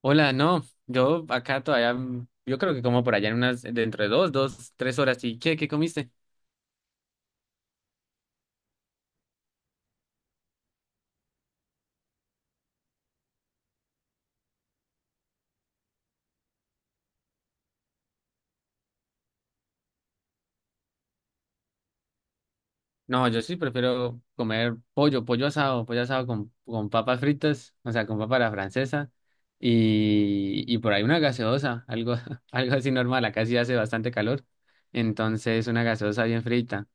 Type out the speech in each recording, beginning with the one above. Hola, no, yo acá todavía, yo creo que como por allá en unas, dentro de dos, tres horas. ¿Y qué comiste? No, yo sí prefiero comer pollo, pollo asado con papas fritas, o sea, con papa a la francesa y por ahí una gaseosa, algo, algo así normal. Acá sí hace bastante calor, entonces una gaseosa bien frita.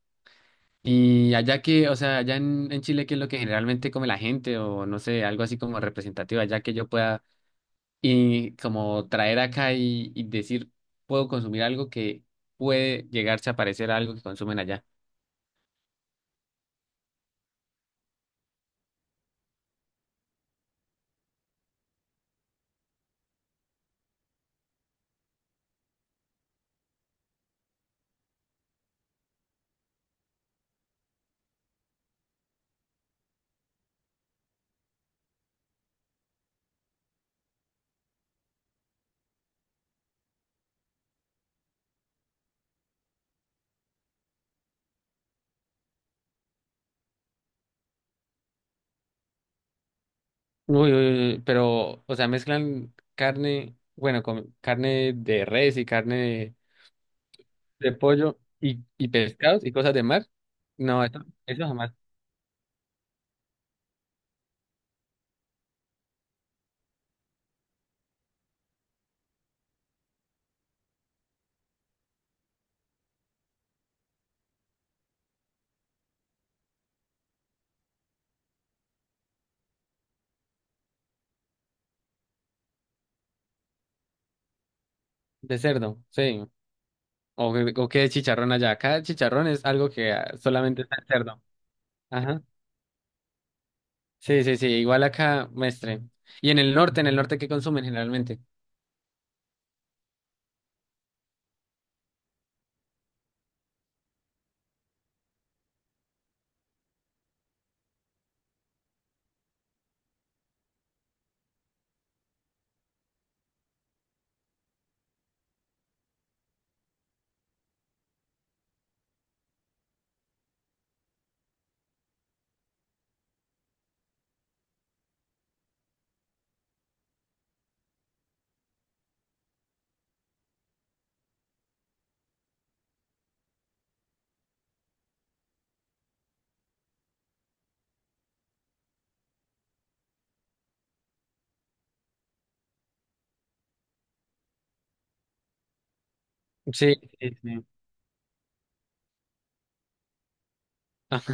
Y allá que, o sea, allá en Chile, ¿qué es lo que generalmente come la gente? O no sé, algo así como representativo, allá que yo pueda y como traer acá y decir, puedo consumir algo que puede llegarse a parecer a algo que consumen allá. Uy, uy, uy, pero, o sea, mezclan carne, bueno, con carne de res y carne de pollo y pescados y cosas de mar. No, eso jamás. De cerdo, sí. O, o qué chicharrón allá. Acá chicharrón es algo que ah, solamente está en cerdo. Ajá. Sí, sí, sí. Igual acá, mestre. Y en el norte, ¿qué consumen generalmente? Sí, sí, sí.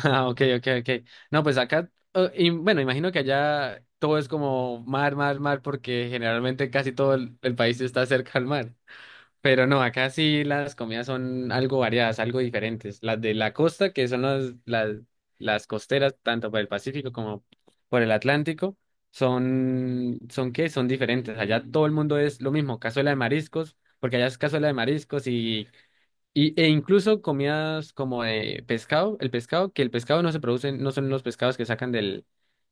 Ah, ok, ok, ok. No, pues acá, y bueno, imagino que allá todo es como mar, mar, mar, porque generalmente casi todo el país está cerca al mar. Pero no, acá sí las comidas son algo variadas, algo diferentes. Las de la costa, que son las costeras, tanto por el Pacífico como por el Atlántico, son, son ¿qué? Son diferentes. Allá todo el mundo es lo mismo, cazuela de mariscos, porque allá es cazuela de mariscos y e incluso comidas como de pescado, el pescado, que el pescado no se produce, no son los pescados que sacan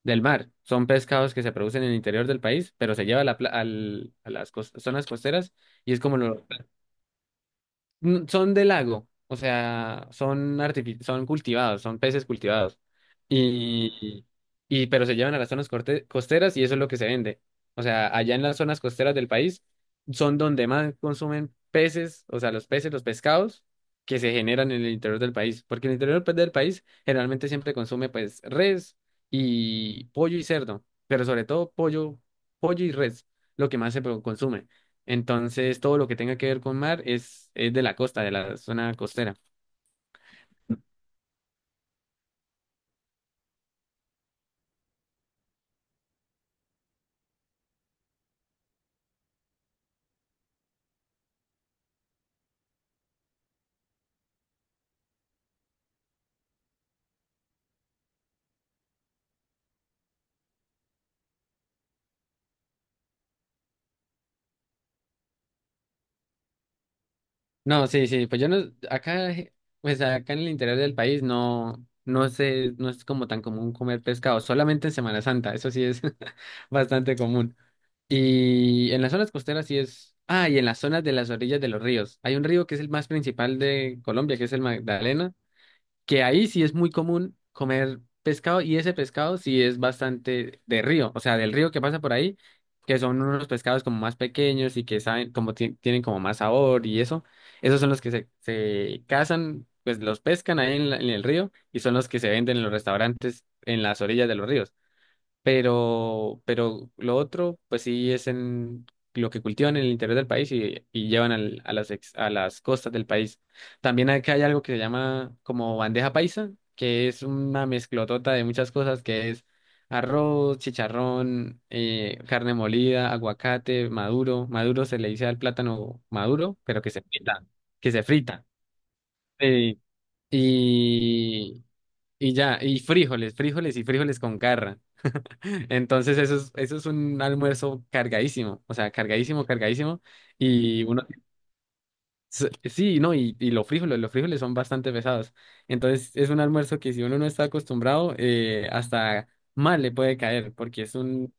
del mar, son pescados que se producen en el interior del país, pero se lleva a, a las zonas costeras y es como lo, son de lago, o sea, son cultivados, son peces cultivados. Y, y pero se llevan a las zonas costeras y eso es lo que se vende. O sea, allá en las zonas costeras del país son donde más consumen peces, o sea, los peces, los pescados que se generan en el interior del país, porque en el interior pues, del país generalmente siempre consume pues res y pollo y cerdo, pero sobre todo pollo, pollo y res, lo que más consume. Entonces, todo lo que tenga que ver con mar es de la costa, de la zona costera. No, sí, sí, pues yo no, acá, pues acá en el interior del país no, no sé, no es como tan común comer pescado, solamente en Semana Santa, eso sí es bastante común. Y en las zonas costeras sí es, ah, y en las zonas de las orillas de los ríos. Hay un río que es el más principal de Colombia, que es el Magdalena, que ahí sí es muy común comer pescado y ese pescado sí es bastante de río, o sea, del río que pasa por ahí, que son unos pescados como más pequeños y que saben, como tienen como más sabor y eso, esos son los que se cazan, pues los pescan ahí en, en el río y son los que se venden en los restaurantes en las orillas de los ríos. Pero lo otro, pues sí es en lo que cultivan en el interior del país y llevan a las, a las costas del país. También acá hay algo que se llama como bandeja paisa, que es una mezclotota de muchas cosas, que es arroz, chicharrón, carne molida, aguacate, maduro. Maduro se le dice al plátano maduro, pero que se frita. Sí. Y, y ya, y frijoles, frijoles y frijoles con carra. Entonces eso es un almuerzo cargadísimo, o sea, cargadísimo, cargadísimo. Y uno, sí, no, y los frijoles son bastante pesados. Entonces es un almuerzo que si uno no está acostumbrado, hasta mal le puede caer, porque es un...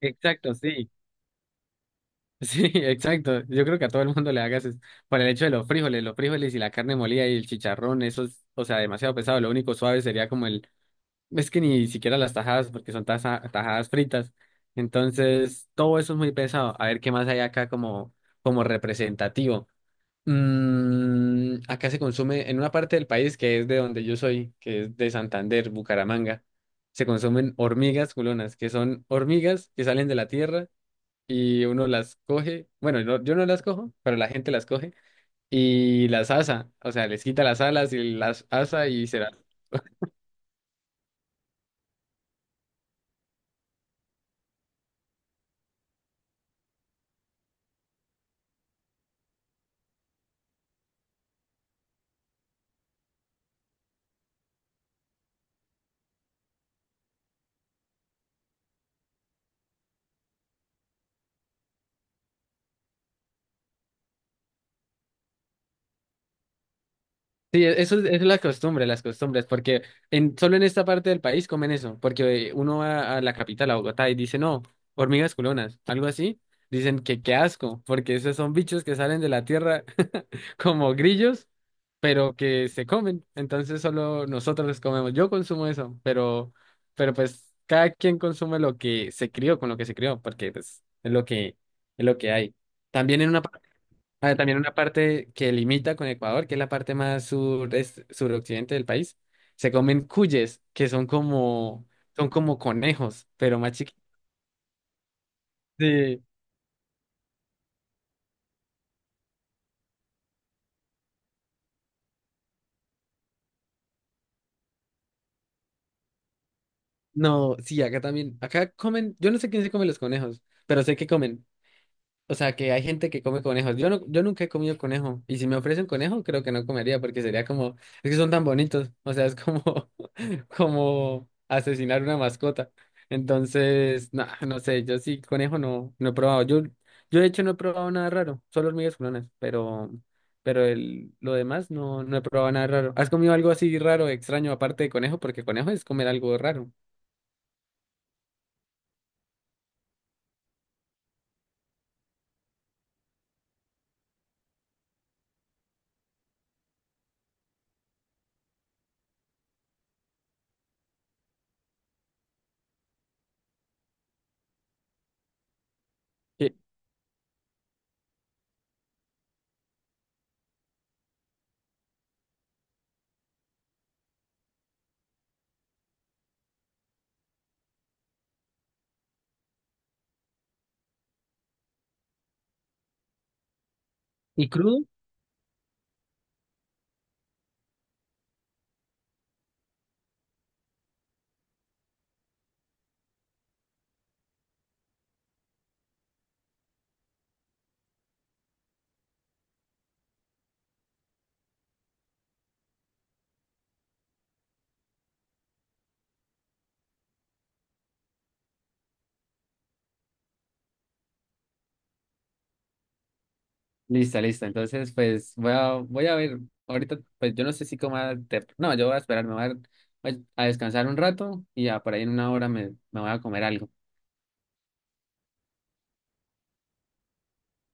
Exacto, sí, sí, exacto. Yo creo que a todo el mundo le hagas es por el hecho de los frijoles y la carne molida y el chicharrón, eso es, o sea, demasiado pesado. Lo único suave sería como el. Es que ni siquiera las tajadas, porque son tajadas fritas. Entonces, todo eso es muy pesado. A ver qué más hay acá como, como representativo. Acá se consume en una parte del país que es de donde yo soy, que es de Santander, Bucaramanga. Se consumen hormigas culonas, que son hormigas que salen de la tierra y uno las coge. Bueno, yo no las cojo, pero la gente las coge y las asa. O sea, les quita las alas y las asa y se. Sí, eso es la costumbre, las costumbres, porque en, solo en esta parte del país comen eso, porque uno va a la capital, a Bogotá, y dice, no, hormigas culonas, algo así, dicen que qué asco, porque esos son bichos que salen de la tierra como grillos, pero que se comen, entonces solo nosotros los comemos, yo consumo eso, pero pues cada quien consume lo que se crió, con lo que se crió, porque pues es lo que hay. También en una. Ah, también una parte que limita con Ecuador, que es la parte más sur, suroccidente del país, se comen cuyes, que son como conejos, pero más chiquitos. Sí, no, sí, acá también, acá comen, yo no sé quién se come los conejos, pero sé que comen. O sea, que hay gente que come conejos. Yo no, yo nunca he comido conejo. Y si me ofrecen conejo, creo que no comería porque sería como, es que son tan bonitos. O sea, es como, como asesinar una mascota. Entonces, no, no sé, yo sí, conejo no, no he probado. Yo de hecho no he probado nada raro, solo hormigas culonas, pero el, lo demás no, no he probado nada raro. ¿Has comido algo así raro, extraño, aparte de conejo? Porque conejo es comer algo raro. ¿Y, y crudo? Listo, listo. Entonces, pues voy a, voy a ver. Ahorita, pues yo no sé si coma. Te, no, yo voy a esperar, me voy a, voy a descansar un rato y ya por ahí en una hora me, me voy a comer algo.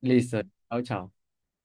Listo. Chao, chao.